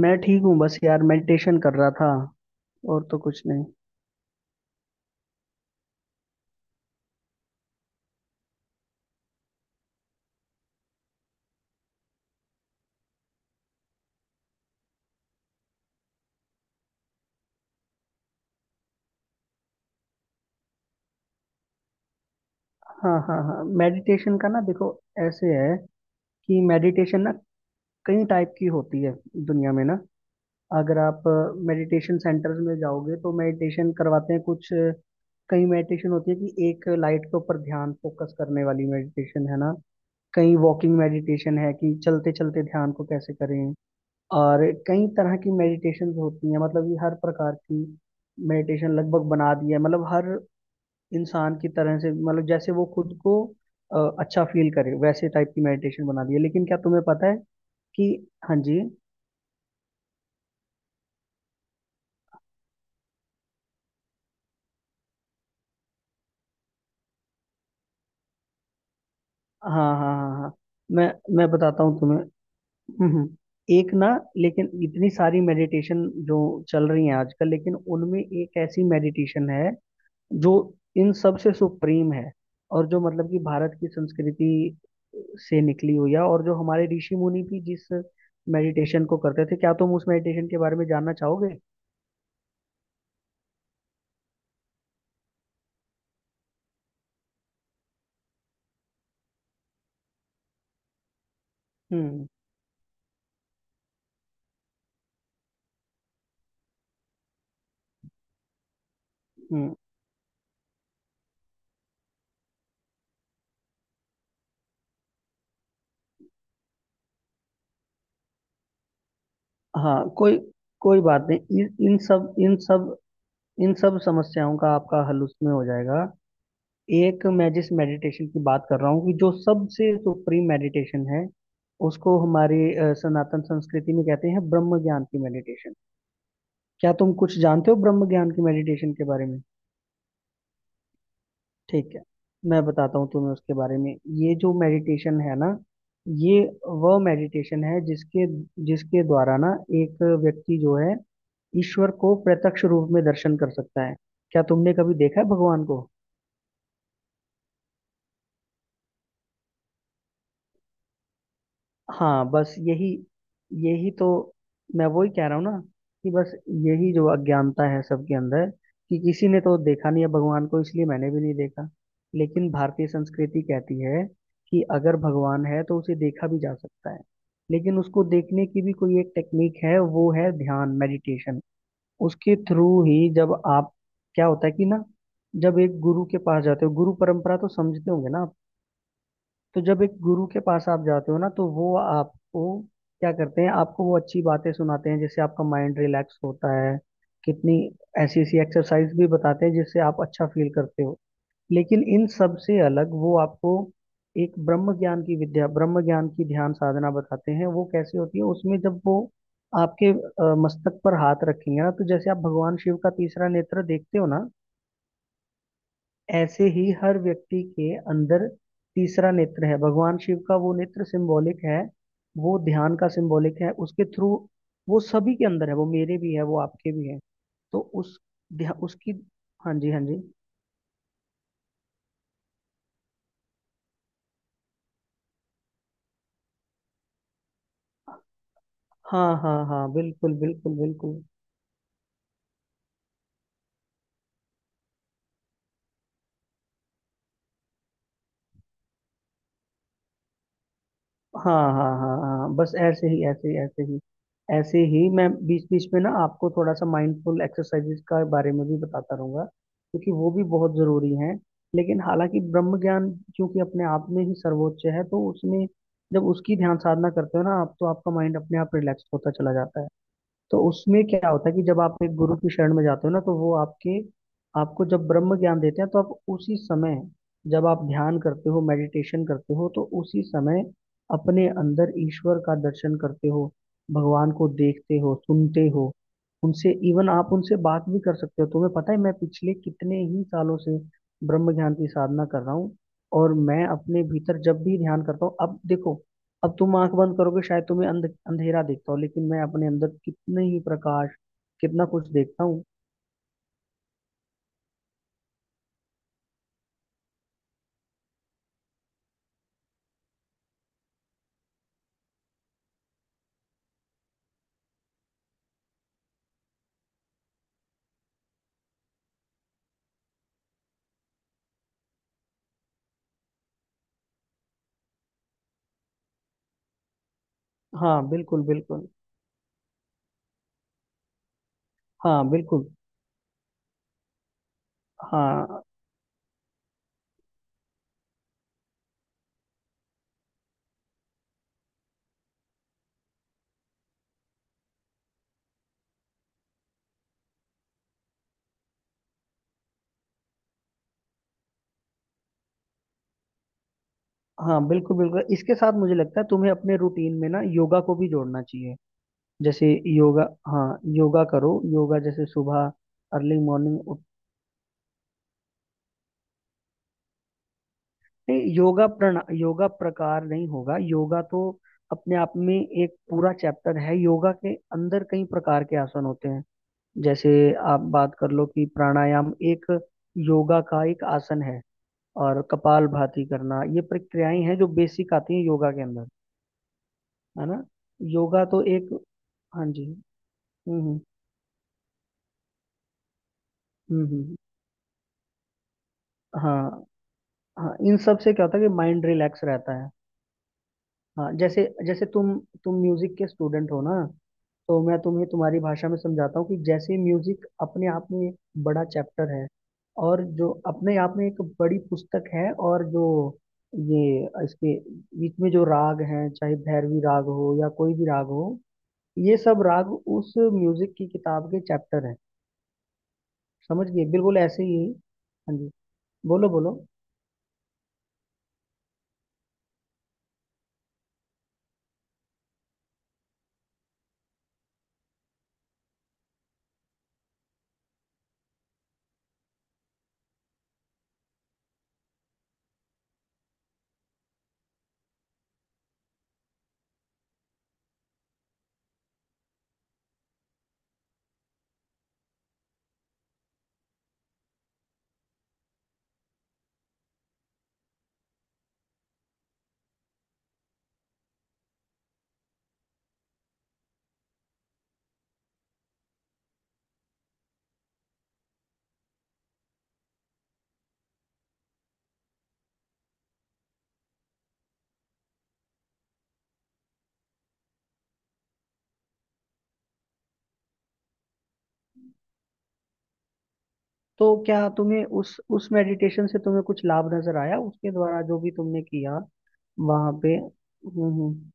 मैं ठीक हूँ, बस यार, मेडिटेशन कर रहा था। और तो कुछ नहीं। हाँ हाँ हाँ, मेडिटेशन का ना देखो ऐसे है कि मेडिटेशन ना कई टाइप की होती है दुनिया में ना। अगर आप मेडिटेशन सेंटर्स में जाओगे तो मेडिटेशन करवाते हैं कुछ कई मेडिटेशन होती है कि एक लाइट के ऊपर ध्यान फोकस करने वाली मेडिटेशन है ना। कई वॉकिंग मेडिटेशन है कि चलते चलते ध्यान को कैसे करें। और कई तरह की मेडिटेशन होती हैं, मतलब ये हर प्रकार की मेडिटेशन लगभग बना दी है, मतलब हर इंसान की तरह से, मतलब जैसे वो खुद को अच्छा फील करे वैसे टाइप की मेडिटेशन बना दी है। लेकिन क्या तुम्हें पता है कि? हाँ जी। हाँ हाँ हाँ हाँ। मैं मैं बताता हूँ तुम्हें। हम्म हम्म। एक ना, लेकिन इतनी सारी मेडिटेशन जो चल रही हैं आजकल, लेकिन उनमें एक ऐसी मेडिटेशन है जो इन सब से सुप्रीम है। और जो मतलब कि भारत की संस्कृति से निकली हुई है और जो हमारे ऋषि मुनि भी जिस मेडिटेशन को करते थे, क्या तुम उस मेडिटेशन के बारे में जानना चाहोगे? हम्म हम्म, हाँ। कोई कोई बात नहीं, इन इन सब इन सब इन सब समस्याओं का आपका हल उसमें हो जाएगा। एक मैं जिस मेडिटेशन की बात कर रहा हूँ कि जो सबसे सुप्रीम मेडिटेशन है, उसको हमारी सनातन संस्कृति में कहते हैं ब्रह्म ज्ञान की मेडिटेशन। क्या तुम कुछ जानते हो ब्रह्म ज्ञान की मेडिटेशन के बारे में? ठीक है, मैं बताता हूँ तुम्हें उसके बारे में। ये जो मेडिटेशन है ना, ये वह मेडिटेशन है जिसके जिसके द्वारा ना एक व्यक्ति जो है ईश्वर को प्रत्यक्ष रूप में दर्शन कर सकता है। क्या तुमने कभी देखा है भगवान को? हाँ, बस यही। यही तो मैं वही कह रहा हूँ ना, कि बस यही जो अज्ञानता है सबके अंदर, कि किसी ने तो देखा नहीं है भगवान को, इसलिए मैंने भी नहीं देखा। लेकिन भारतीय संस्कृति कहती है कि अगर भगवान है तो उसे देखा भी जा सकता है। लेकिन उसको देखने की भी कोई एक टेक्निक है, वो है ध्यान मेडिटेशन। उसके थ्रू ही जब आप, क्या होता है कि ना, जब एक गुरु के पास जाते हो, गुरु परंपरा तो समझते होंगे ना आप? तो जब एक गुरु के पास आप जाते हो ना, तो वो आपको, क्या करते हैं, आपको वो अच्छी बातें सुनाते हैं जिससे आपका माइंड रिलैक्स होता है। कितनी ऐसी ऐसी एक्सरसाइज भी बताते हैं जिससे आप अच्छा फील करते हो। लेकिन इन सब से अलग वो आपको एक ब्रह्म ज्ञान की विद्या, ब्रह्म ज्ञान की ध्यान साधना बताते हैं। वो कैसे होती है, उसमें जब वो आपके मस्तक पर हाथ रखेंगे ना, तो जैसे आप भगवान शिव का तीसरा नेत्र देखते हो ना, ऐसे ही हर व्यक्ति के अंदर तीसरा नेत्र है। भगवान शिव का वो नेत्र सिंबॉलिक है, वो ध्यान का सिंबॉलिक है। उसके थ्रू वो सभी के अंदर है, वो मेरे भी है, वो आपके भी है। तो उस उसकी। हाँ जी हाँ जी। हाँ हाँ हाँ, बिल्कुल बिल्कुल बिल्कुल। हाँ हाँ हाँ हाँ, बस ऐसे ही ऐसे ही ऐसे ही। ऐसे ही मैं बीच बीच में ना आपको थोड़ा सा माइंडफुल एक्सरसाइजेज का बारे में भी बताता रहूंगा क्योंकि वो भी बहुत जरूरी हैं। लेकिन हालांकि ब्रह्म ज्ञान, क्योंकि अपने आप में ही सर्वोच्च है, तो उसमें जब उसकी ध्यान साधना करते हो ना आप, तो आपका माइंड अपने आप रिलैक्स होता चला जाता है। तो उसमें क्या होता है कि जब आप एक गुरु की शरण में जाते हो ना, तो वो आपके, आपको जब ब्रह्म ज्ञान देते हैं, तो आप उसी समय, जब आप ध्यान करते हो, मेडिटेशन करते हो, तो उसी समय अपने अंदर ईश्वर का दर्शन करते हो, भगवान को देखते हो, सुनते हो, उनसे इवन आप उनसे बात भी कर सकते हो। तुम्हें पता है, मैं पिछले कितने ही सालों से ब्रह्म ज्ञान की साधना कर रहा हूँ, और मैं अपने भीतर जब भी ध्यान करता हूँ, अब देखो, अब तुम आंख बंद करोगे शायद तुम्हें अंधेरा देखता हो, लेकिन मैं अपने अंदर कितने ही प्रकाश, कितना कुछ देखता हूँ। हाँ बिल्कुल बिल्कुल। हाँ बिल्कुल। हाँ हाँ बिल्कुल बिल्कुल, इसके साथ मुझे लगता है तुम्हें अपने रूटीन में ना योगा को भी जोड़ना चाहिए। जैसे योगा, हाँ योगा करो योगा, जैसे सुबह अर्ली मॉर्निंग। नहीं, योगा प्रकार नहीं होगा, योगा तो अपने आप में एक पूरा चैप्टर है, योगा के अंदर कई प्रकार के आसन होते हैं। जैसे आप बात कर लो कि प्राणायाम एक योगा का एक आसन है, और कपालभाति करना, ये प्रक्रियाएं हैं जो बेसिक आती हैं योगा के अंदर, है ना? योगा तो एक। हाँ जी। हम्म हम्म हम्म। हाँ हाँ, इन सब से क्या होता है कि माइंड रिलैक्स रहता है। हाँ, जैसे जैसे तुम म्यूजिक के स्टूडेंट हो ना, तो मैं तुम्हें तुम्हारी भाषा में समझाता हूँ कि जैसे म्यूजिक अपने आप में एक बड़ा चैप्टर है, और जो अपने आप में एक बड़ी पुस्तक है, और जो, ये, इसके बीच में जो राग हैं चाहे भैरवी राग हो या कोई भी राग हो, ये सब राग उस म्यूजिक की किताब के चैप्टर हैं, समझ गए? बिल्कुल ऐसे ही। हाँ जी। बोलो बोलो। तो क्या तुम्हें उस मेडिटेशन से तुम्हें कुछ लाभ नजर आया उसके द्वारा जो भी तुमने किया? वहां पे। हम्म।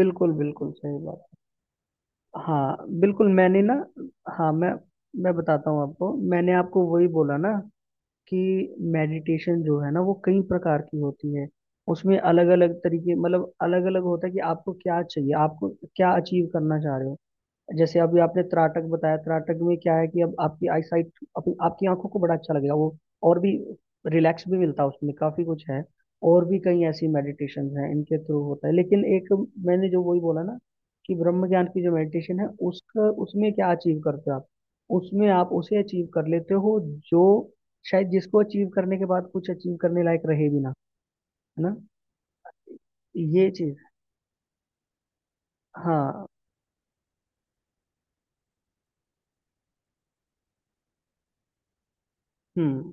बिल्कुल बिल्कुल सही बात। हाँ बिल्कुल, मैंने ना, हाँ मैं बताता हूँ आपको, मैंने आपको वही बोला ना कि मेडिटेशन जो है ना वो कई प्रकार की होती है, उसमें अलग अलग तरीके, मतलब अलग अलग होता है कि आपको क्या चाहिए, आपको क्या अचीव करना चाह रहे हो। जैसे अभी आपने त्राटक बताया, त्राटक में क्या है कि अब आपकी आई साइट, अपनी आपकी आंखों को बड़ा अच्छा लगेगा वो, और भी रिलैक्स भी मिलता है, उसमें काफी कुछ है। और भी कई ऐसी मेडिटेशन हैं इनके थ्रू होता है, लेकिन एक, मैंने जो वही बोला ना कि ब्रह्म ज्ञान की जो मेडिटेशन है उसका, उसमें क्या अचीव करते हो आप, उसमें आप उसे अचीव कर लेते हो जो, शायद जिसको अचीव करने के बाद कुछ अचीव करने लायक रहे भी ना, है ना? ये चीज। हाँ हम्म।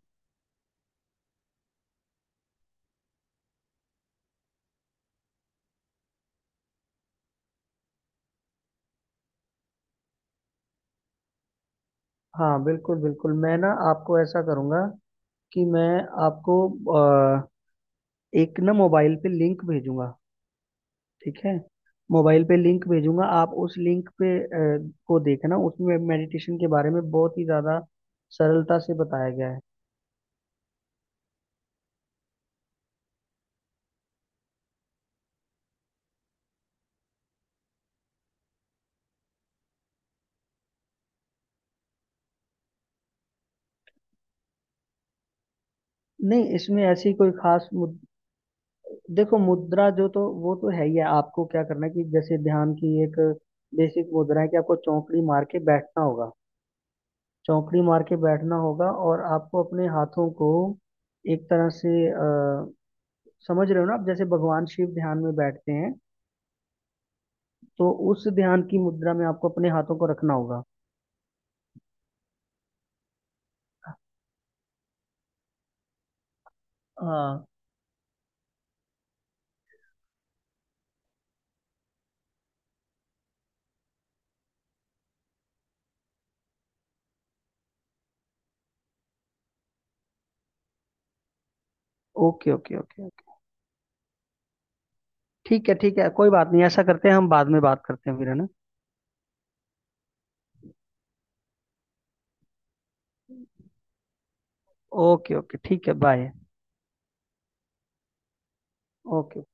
हाँ बिल्कुल बिल्कुल, मैं ना आपको ऐसा करूंगा कि मैं आपको अ, एक ना मोबाइल पे लिंक भेजूंगा। ठीक है, मोबाइल पे लिंक भेजूंगा, आप उस लिंक पे को देखना, उसमें मेडिटेशन के बारे में बहुत ही ज्यादा सरलता से बताया गया है। नहीं, इसमें ऐसी कोई खास देखो, मुद्रा जो, तो वो तो है ही है, आपको क्या करना है कि जैसे ध्यान की एक बेसिक मुद्रा है कि आपको चौकड़ी मार के बैठना होगा, चौकड़ी मार के बैठना होगा, और आपको अपने हाथों को एक तरह से, समझ रहे हो ना आप, जैसे भगवान शिव ध्यान में बैठते हैं, तो उस ध्यान की मुद्रा में आपको अपने हाथों को रखना होगा। हाँ। Okay okay okay okay. ठीक है ठीक है, कोई बात नहीं, ऐसा करते हैं, हम बाद में बात करते हैं फिर, है ना? ओके ओके, ठीक है, बाय। ओके।